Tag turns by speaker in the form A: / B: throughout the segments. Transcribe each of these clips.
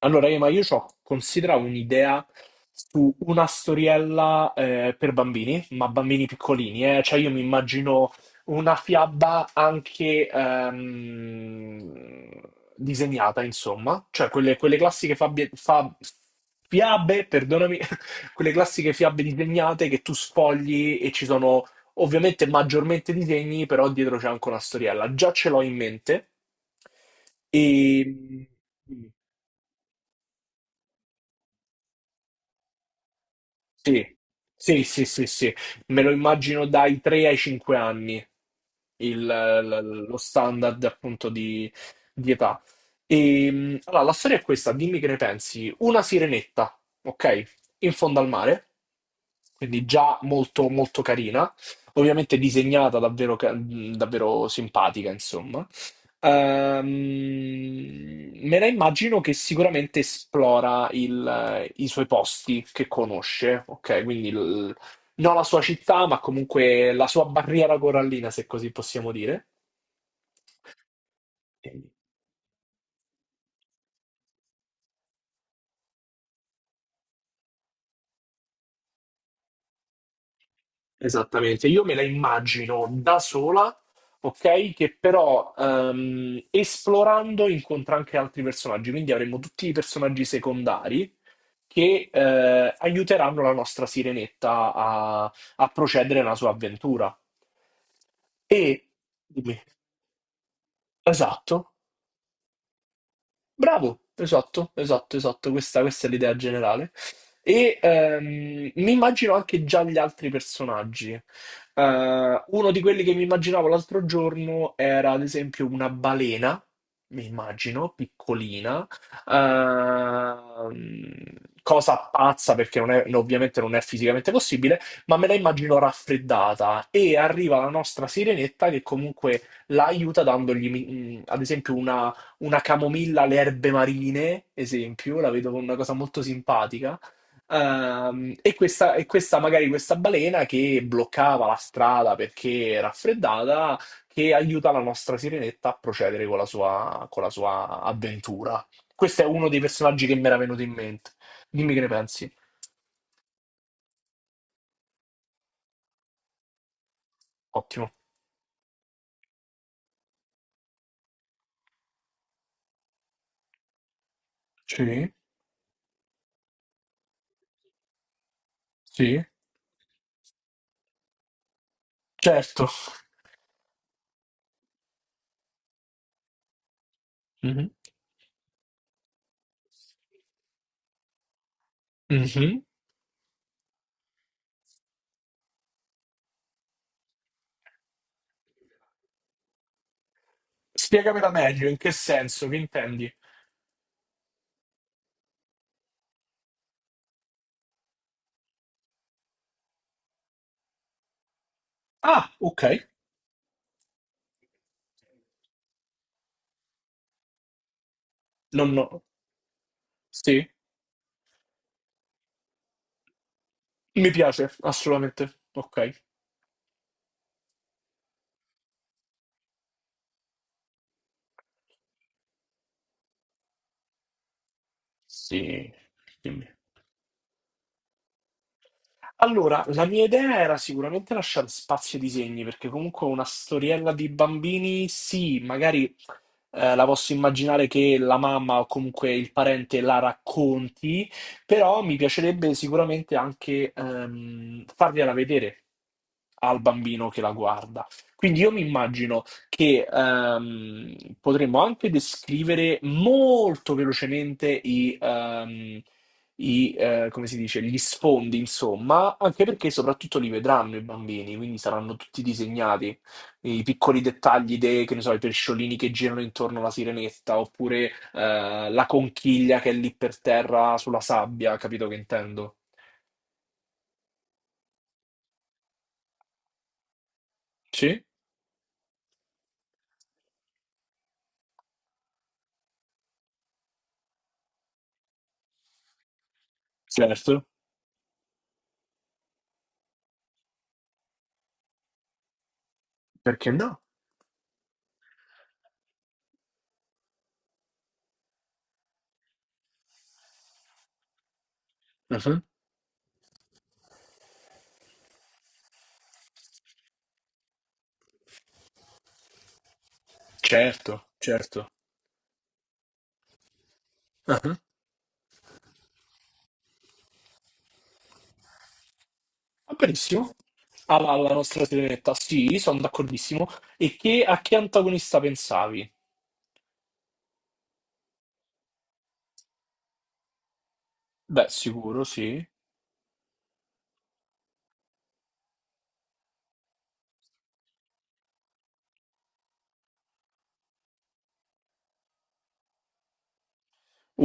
A: Allora, Ema, io ho considerato un'idea su una storiella per bambini, ma bambini piccolini, eh. Cioè io mi immagino una fiaba anche disegnata, insomma, cioè quelle classiche fiabe, perdonami, quelle classiche fiabe disegnate che tu sfogli e ci sono ovviamente maggiormente disegni, però dietro c'è anche una storiella. Già ce l'ho in mente. E... Sì, sì, sì, sì, sì. Me lo immagino dai 3 ai 5 anni, lo standard appunto di età. E, allora, la storia è questa, dimmi che ne pensi. Una sirenetta, ok? In fondo al mare, quindi già molto, molto carina, ovviamente disegnata davvero, davvero simpatica, insomma. Me la immagino che sicuramente esplora i suoi posti che conosce, ok? Non la sua città, ma comunque la sua barriera corallina, se così possiamo dire. Esattamente, io me la immagino da sola, ok? Che però esplorando incontra anche altri personaggi, quindi avremo tutti i personaggi secondari che aiuteranno la nostra sirenetta a procedere nella sua avventura. E dimmi, esatto. Bravo, esatto, esatto, esatto, questa è l'idea generale. E mi immagino anche già gli altri personaggi. Uno di quelli che mi immaginavo l'altro giorno era ad esempio una balena, mi immagino, piccolina, ehm, cosa pazza perché non è- ovviamente non è fisicamente possibile, ma me la immagino raffreddata e arriva la nostra sirenetta che comunque la aiuta dandogli, mm, ad esempio, una camomilla alle erbe marine, esempio, la vedo come una cosa molto simpatica. E questa, magari questa balena che bloccava la strada perché raffreddata, che aiuta la nostra sirenetta a procedere con la sua avventura. Questo è uno dei personaggi che mi era venuto in mente. Dimmi che ne pensi. Ottimo. Sì, sì. Certo. Mhm. Mhm. Spiegamela meglio, in che senso, che intendi? Ah, ok. Non no. Sì, mi piace, assolutamente. Ok, sì. Dimmi. Allora, la mia idea era sicuramente lasciare spazio ai disegni, perché comunque una storiella di bambini, sì, magari la posso immaginare che la mamma o comunque il parente la racconti, però mi piacerebbe sicuramente anche fargliela vedere al bambino che la guarda. Quindi io mi immagino che potremmo anche descrivere molto velocemente come si dice, gli sfondi, insomma, anche perché soprattutto li vedranno i bambini, quindi saranno tutti disegnati i piccoli dettagli che ne so, i pesciolini che girano intorno alla sirenetta, oppure la conchiglia che è lì per terra sulla sabbia, capito che intendo? Sì, certo. Perché no? Mhm. Certo, certo. Mhm. Va benissimo. Alla nostra sirenetta, sì, sono d'accordissimo. E che, a che antagonista pensavi? Beh, sicuro, sì.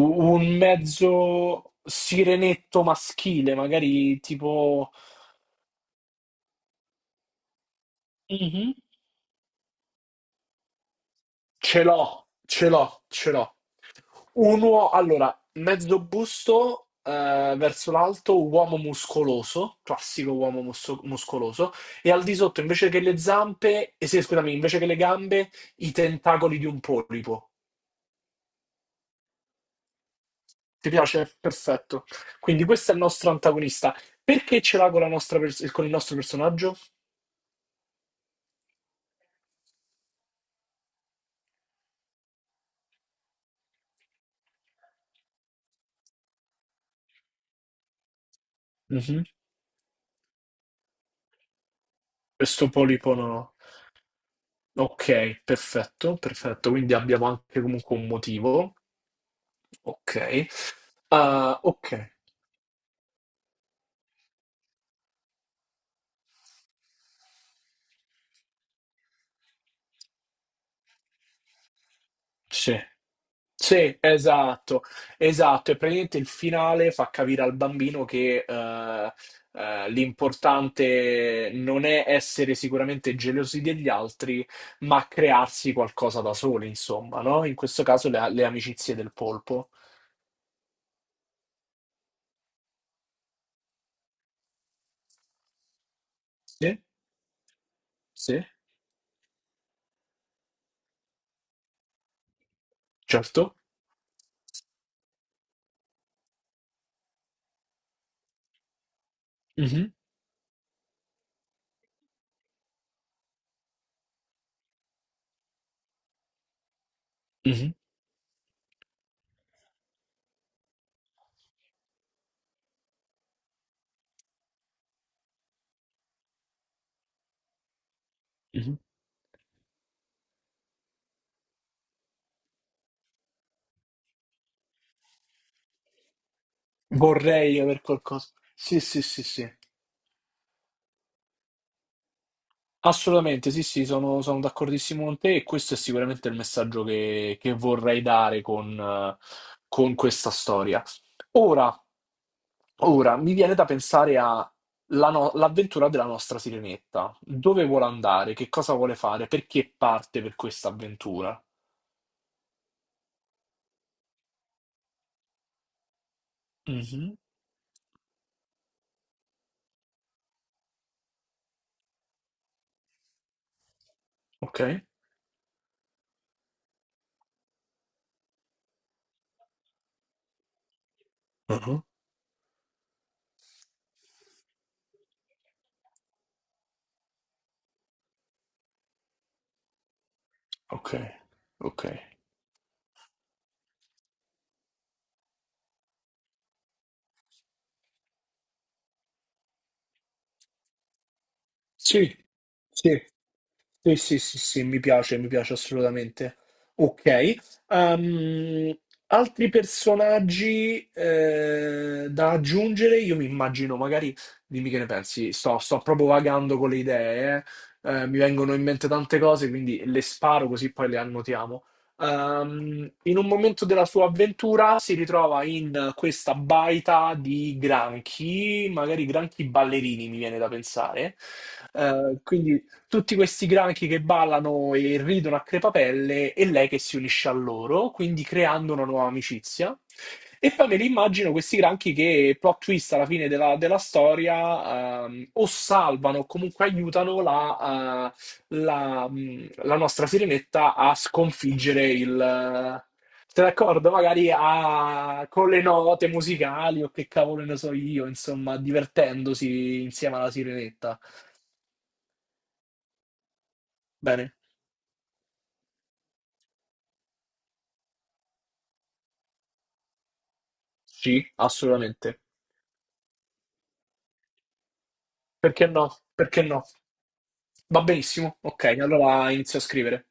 A: Un mezzo sirenetto maschile, magari tipo... Mhm. Ce l'ho, ce l'ho, ce l'ho. Allora, mezzo busto verso l'alto, uomo muscoloso, classico uomo muscoloso, e al di sotto invece che le zampe, eh sì, scusami, invece che le gambe, i tentacoli di un polipo. Ti piace? Perfetto. Quindi questo è il nostro antagonista. Perché ce l'ha con, la nostra con il nostro personaggio? Mhm. Questo polipo no. Ok, perfetto, perfetto. Quindi abbiamo anche comunque un motivo. Ok. Ah, ok. Sì, sì, esatto, esatto. E praticamente il finale fa capire al bambino che l'importante non è essere sicuramente gelosi degli altri, ma crearsi qualcosa da soli, insomma, no? In questo caso le amicizie del polpo. Sì, sì, certo. Mhm, mhm, mhm. Vorrei aver qualcosa. Sì, sì, sì, sì. Assolutamente, sì, sì, sono d'accordissimo con te e questo è sicuramente il messaggio che vorrei dare con questa storia. Ora, ora, mi viene da pensare a la no- l'avventura della nostra Sirenetta. Dove vuole andare? Che cosa vuole fare? Perché parte per questa avventura? Mhm. Ok. Mhm. Ok, ok. Sì, sì. Sì, sì, sì, sì, mi piace assolutamente. Ok. ehm, Altri personaggi da aggiungere? Io mi immagino, magari, dimmi che ne pensi, sto proprio vagando con le idee, eh. Mi vengono in mente tante cose, quindi le sparo così poi le annotiamo. In un momento della sua avventura si ritrova in questa baita di granchi, magari granchi ballerini, mi viene da pensare. Quindi tutti questi granchi che ballano e ridono a crepapelle e lei che si unisce a loro, quindi creando una nuova amicizia. E poi me li immagino questi granchi che, plot twist alla fine della storia, o salvano o comunque aiutano la nostra sirenetta a sconfiggere il... Sei d'accordo? Magari con le note musicali o che cavolo ne so io, insomma, divertendosi insieme alla sirenetta. Bene. Sì, assolutamente. Perché no? Perché no? Va benissimo. Ok, allora inizio a scrivere.